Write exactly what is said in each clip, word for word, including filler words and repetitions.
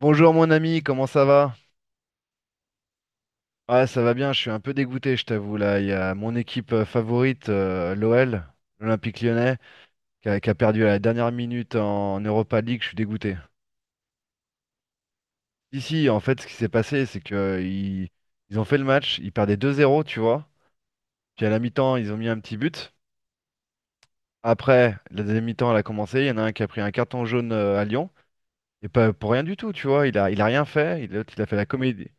Bonjour mon ami, comment ça va? Ouais, ça va bien, je suis un peu dégoûté, je t'avoue. Là, il y a mon équipe euh, favorite, euh, l'O L, l'Olympique Lyonnais, qui a, qui a perdu à la dernière minute en Europa League, je suis dégoûté. Si, si, en fait, ce qui s'est passé, c'est que euh, ils, ils ont fait le match, ils perdaient deux zéro, tu vois. Puis à la mi-temps, ils ont mis un petit but. Après, la deuxième mi-temps, elle a commencé, il y en a un qui a pris un carton jaune euh, à Lyon, et pas pour rien du tout, tu vois. Il a, il a rien fait, et l'autre, il a fait la comédie.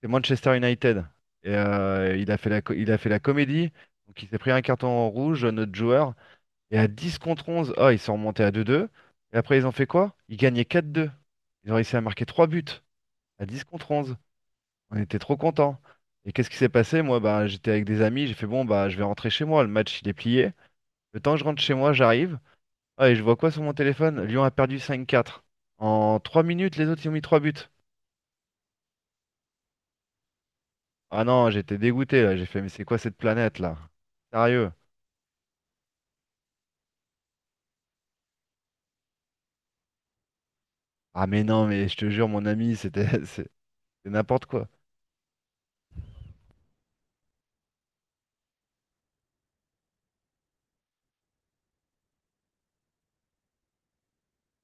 C'est Manchester United. Et, euh, il a fait la, co- il a fait la comédie. Donc il s'est pris un carton rouge, notre joueur. Et à dix contre onze ah, ils sont remontés à deux deux. Et après, ils ont fait quoi? Ils gagnaient quatre deux. Ils ont réussi à marquer trois buts à dix contre onze. On était trop contents. Et qu'est-ce qui s'est passé? Moi, bah, j'étais avec des amis. J'ai fait, bon, bah, je vais rentrer chez moi. Le match, il est plié. Le temps que je rentre chez moi, j'arrive. Ah, et je vois quoi sur mon téléphone? Lyon a perdu cinq quatre. En trois minutes, les autres, ils ont mis trois buts. Ah non, j'étais dégoûté là. J'ai fait, mais c'est quoi cette planète là? Sérieux? Ah mais non, mais je te jure, mon ami, c'était c'est c'est n'importe quoi.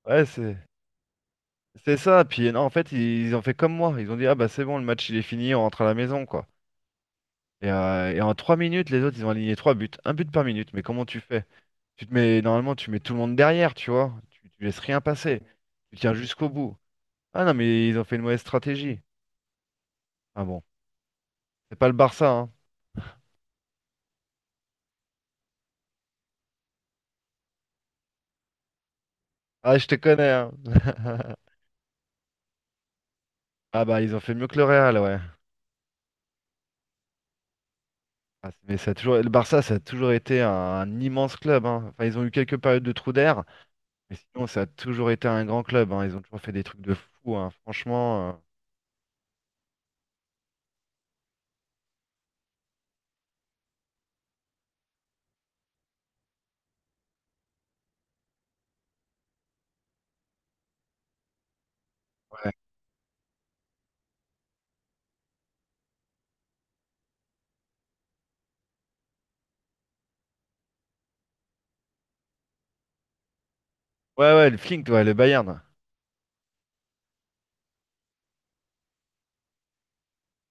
Ouais, c'est c'est ça. Puis non, en fait, ils, ils ont fait comme moi. Ils ont dit, ah bah c'est bon, le match il est fini, on rentre à la maison, quoi. Et, euh, et en trois minutes, les autres, ils ont aligné trois buts. Un but par minute, mais comment tu fais? Tu te mets, normalement, tu mets tout le monde derrière, tu vois. Tu, tu laisses rien passer. Tu tiens jusqu'au bout. Ah non, mais ils ont fait une mauvaise stratégie. Ah bon, c'est pas le Barça, hein. Ah, je te connais, hein. Ah bah ils ont fait mieux que le Real, ouais. Ah, c'est- mais ça a toujours... Le Barça, ça a toujours été un, un immense club. Hein. Enfin, ils ont eu quelques périodes de trous d'air, mais sinon, ça a toujours été un grand club. Hein. Ils ont toujours fait des trucs de fou. Hein. Franchement, euh, ouais. Ouais, ouais, le Flink, ouais, le Bayern.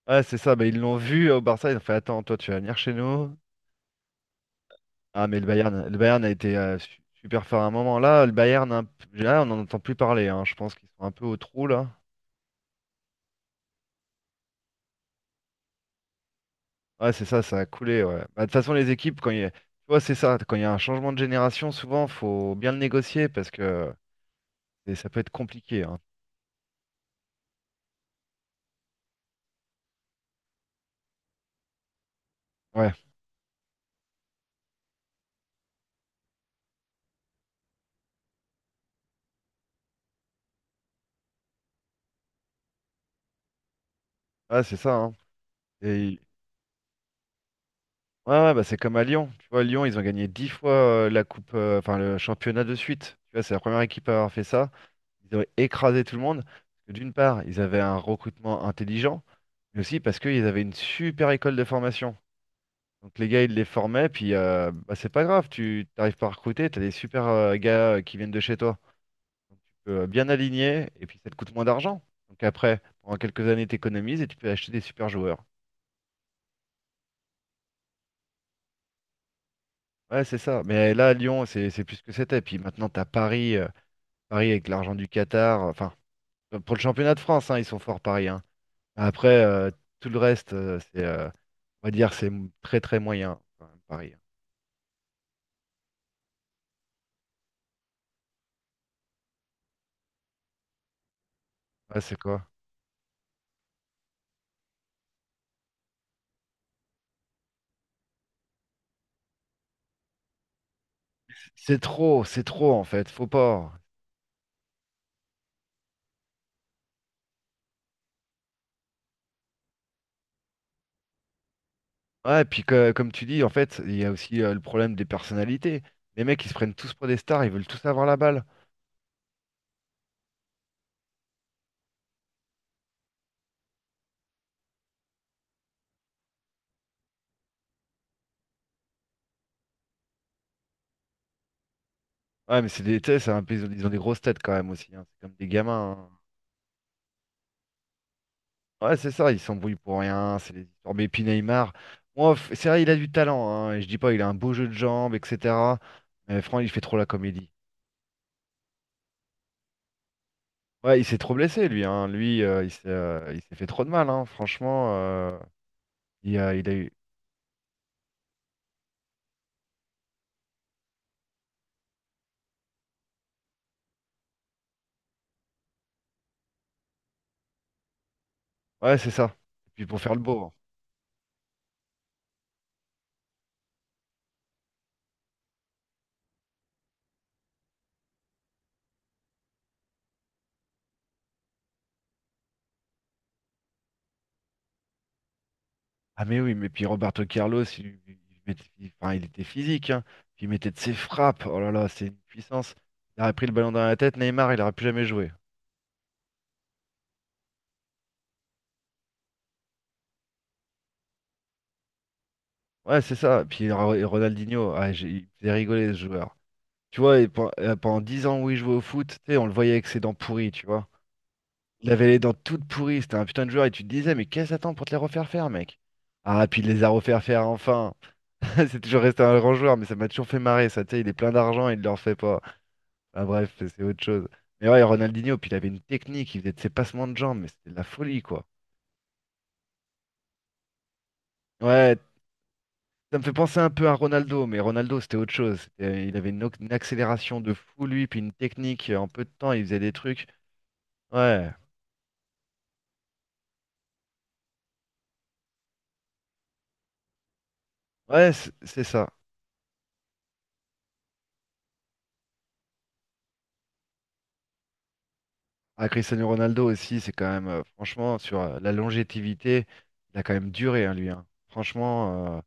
Ouais, c'est ça. Bah, ils l'ont vu au Barça. Ils ont fait, attends, toi, tu vas venir chez nous. Ah, mais le Bayern, le Bayern a été euh, su- super fort à un moment. Là, le Bayern, un p- là, on n'en entend plus parler. Hein. Je pense qu'ils sont un peu au trou, là. Ouais, c'est ça, ça a coulé. Ouais. Bah, de toute façon, les équipes, quand il y a... Tu vois, c'est ça. Quand il y a un changement de génération, souvent, faut bien le négocier parce que. Et ça peut être compliqué, hein. Ouais, ah, c'est ça, hein. Et... il- Ouais, ouais, bah, c'est comme à Lyon. Tu vois, Lyon, ils ont gagné dix fois euh, la coupe, euh, enfin le championnat de suite. Tu vois, c'est la première équipe à avoir fait ça. Ils ont écrasé tout le monde. Parce que d'une part, ils avaient un recrutement intelligent, mais aussi parce qu'ils avaient une super école de formation. Donc les gars, ils les formaient, puis euh, bah, c'est pas grave, tu t'arrives pas à recruter, t'as des super euh, gars euh, qui viennent de chez toi. Donc tu peux euh, bien aligner, et puis ça te coûte moins d'argent. Donc après, pendant quelques années, t'économises et tu peux acheter des super joueurs. Ouais, c'est ça. Mais là, Lyon, c'est c'est plus ce que c'était. Puis maintenant, t'as Paris, euh, Paris avec l'argent du Qatar. Enfin, euh, pour le championnat de France, hein, ils sont forts Paris. Hein. Après, euh, tout le reste, euh, c'est, euh, on va dire, c'est m- très très moyen quand même, Paris. Hein. Ouais, c'est quoi? C'est trop, c'est trop en fait. Faut pas. Ouais, puis que- comme tu dis, en fait, il y a aussi euh, le problème des personnalités. Les mecs, ils se prennent tous pour des stars, ils veulent tous avoir la balle. Ouais, mais c'est des, tu sais, c'est un peu- ils ont ils ont des grosses têtes quand même aussi. Hein. C'est comme des gamins. Hein. Ouais, c'est ça, il s'embrouille pour rien, c'est les histoires. Mais puis Neymar, moi, f- c'est vrai, il a du talent, hein, et je dis pas, il a un beau jeu de jambes, et cetera. Mais franchement, il fait trop la comédie. Ouais, il s'est trop blessé, lui, hein. Lui, euh, il s'est euh, il s'est fait trop de mal, hein. Franchement, euh, il a, il a eu. Ouais, c'est ça. Et puis pour faire le beau. Hein. Ah, mais oui, mais puis Roberto Carlos, il, il il mettait- il- enfin, il était physique, hein. Puis il mettait de ses frappes. Oh là là, c'est une puissance. Il aurait pris le ballon dans la tête, Neymar, il aurait plus jamais joué. Ouais, c'est ça. Puis Ro- Ronaldinho, ah, j'ai- il faisait rigoler ce joueur. Tu vois, et pen- euh, pendant dix ans où il jouait au foot, tu sais, on le voyait avec ses dents pourries, tu vois. Il avait les dents toutes pourries, c'était un putain de joueur, et tu te disais, mais qu'est-ce que t'attends pour te les refaire faire, mec? Ah, puis il les a refaire faire enfin. C'est toujours resté un grand joueur, mais ça m'a toujours fait marrer, ça, tu sais, il est plein d'argent, il ne le refait pas. Ah, bref, c'est autre chose. Mais ouais, Ronaldinho, puis il avait une technique, il faisait de ses passements de jambes, mais c'était de la folie, quoi. Ouais, ça me fait penser un peu à Ronaldo, mais Ronaldo, c'était autre chose. C'était- Il avait une, o- une accélération de fou, lui, puis une technique, euh, en peu de temps, il faisait des trucs. Ouais. Ouais, c- c'est ça. Ah, Cristiano Ronaldo aussi, c'est quand même, euh, franchement, sur euh, la longévité, il a quand même duré, hein, lui. Hein. Franchement, euh,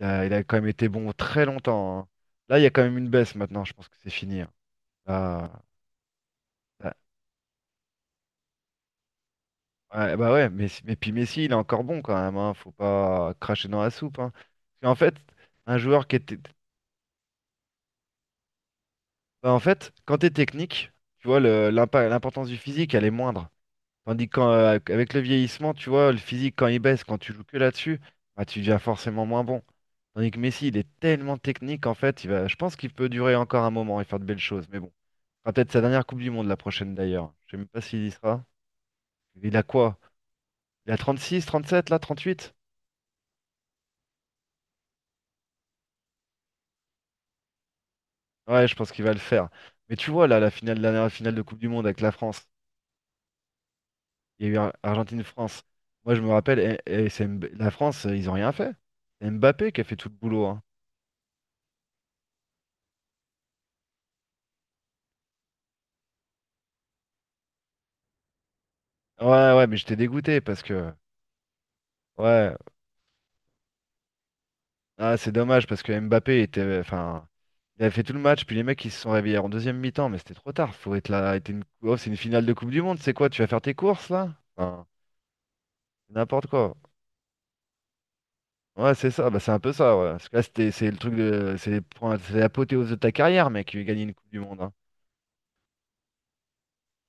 il a, il a quand même été bon très longtemps. Hein. Là, il y a quand même une baisse maintenant, je pense que c'est fini. Hein. Là, là- ouais, bah ouais, mais, mais puis Messi, il est encore bon quand même, hein. Faut pas cracher dans la soupe. Hein. Parce qu'en fait, un joueur qui était. Bah, en fait, quand t'es technique, tu vois, le- l'impa- l'importance du physique, elle est moindre. Tandis qu'avec le vieillissement, tu vois, le physique, quand il baisse, quand tu joues que là-dessus, bah, tu deviens forcément moins bon. Tandis que Messi, il est tellement technique, en fait, il va, je pense qu'il peut durer encore un moment et faire de belles choses. Mais bon, ce sera peut-être sa dernière Coupe du Monde, la prochaine d'ailleurs. Je sais même pas s'il y sera. Il a quoi? Il a trente-six, trente-sept, là, trente-huit? Ouais, je pense qu'il va le faire. Mais tu vois, là, la finale, la dernière finale de Coupe du Monde avec la France, il y a eu Ar- Argentine-France. Moi, je me rappelle, et, et c'est Mb- la France, ils ont rien fait. C'est Mbappé qui a fait tout le boulot, hein. Ouais, ouais, mais j'étais dégoûté parce que. Ouais, ah, c'est dommage parce que Mbappé était. Enfin, il a fait tout le match, puis les mecs ils se sont réveillés en deuxième mi-temps, mais c'était trop tard. Faut être là. être une- oh, c'est une finale de Coupe du Monde, c'est quoi? Tu vas faire tes courses là? Enfin, n'importe quoi. Ouais, c'est ça, bah, c'est un peu ça, ouais. Parce que là, c'était, c'est le truc de. C'est les points, c'est l'apothéose de ta carrière, mec, qui gagné une Coupe du Monde. Hein.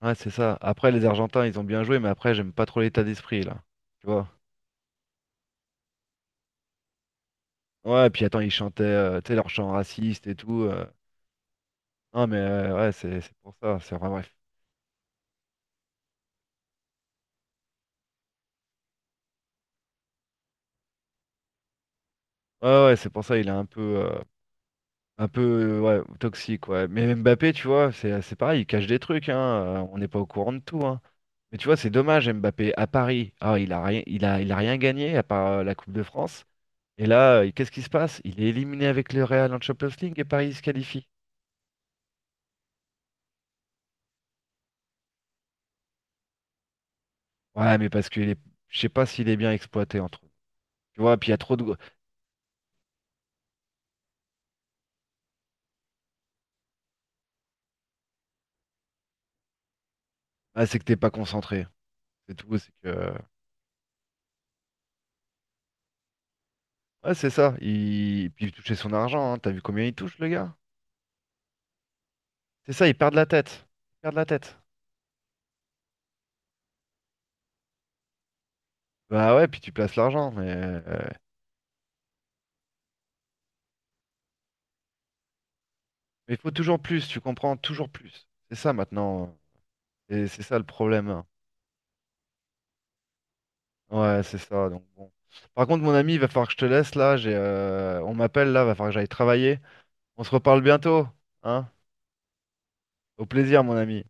Ouais, c'est ça. Après, les Argentins, ils ont bien joué, mais après, j'aime pas trop l'état d'esprit là. Tu vois? Ouais, et puis attends, ils chantaient, euh, tu sais, leur chant raciste et tout. euh. Non, mais euh, ouais, c'est c'est pour ça, c'est vrai, bref. Ouais, ouais, c'est pour ça, il est un peu, euh, un peu euh, ouais, toxique, ouais. Mais Mbappé, tu vois, c'est c'est pareil, il cache des trucs, hein. Euh, on n'est pas au courant de tout, hein. Mais tu vois, c'est dommage, Mbappé, à Paris, ah, il a rien, il a, il a rien gagné à part euh, la Coupe de France. Et là, euh, qu'est-ce qui se passe? Il est éliminé avec le Real en Champions League et Paris se qualifie. Ouais, mais parce que est, je sais pas s'il est bien exploité entre eux. Tu vois, puis il y a trop de. Ah, c'est que t'es pas concentré. C'est tout. C'est que. Ouais, c'est ça. Il... Puis il touchait son argent, hein. T'as vu combien il touche, le gars? C'est ça, ils perdent la tête. Ils perdent la tête. Bah ouais, puis tu places l'argent, mais euh, mais il faut toujours plus, tu comprends, toujours plus. C'est ça maintenant. Et c'est ça le problème. Ouais, c'est ça. Donc bon. Par contre, mon ami, il va falloir que je te laisse là. J'ai, euh, on m'appelle là, va falloir que j'aille travailler. On se reparle bientôt, hein? Au plaisir, mon ami.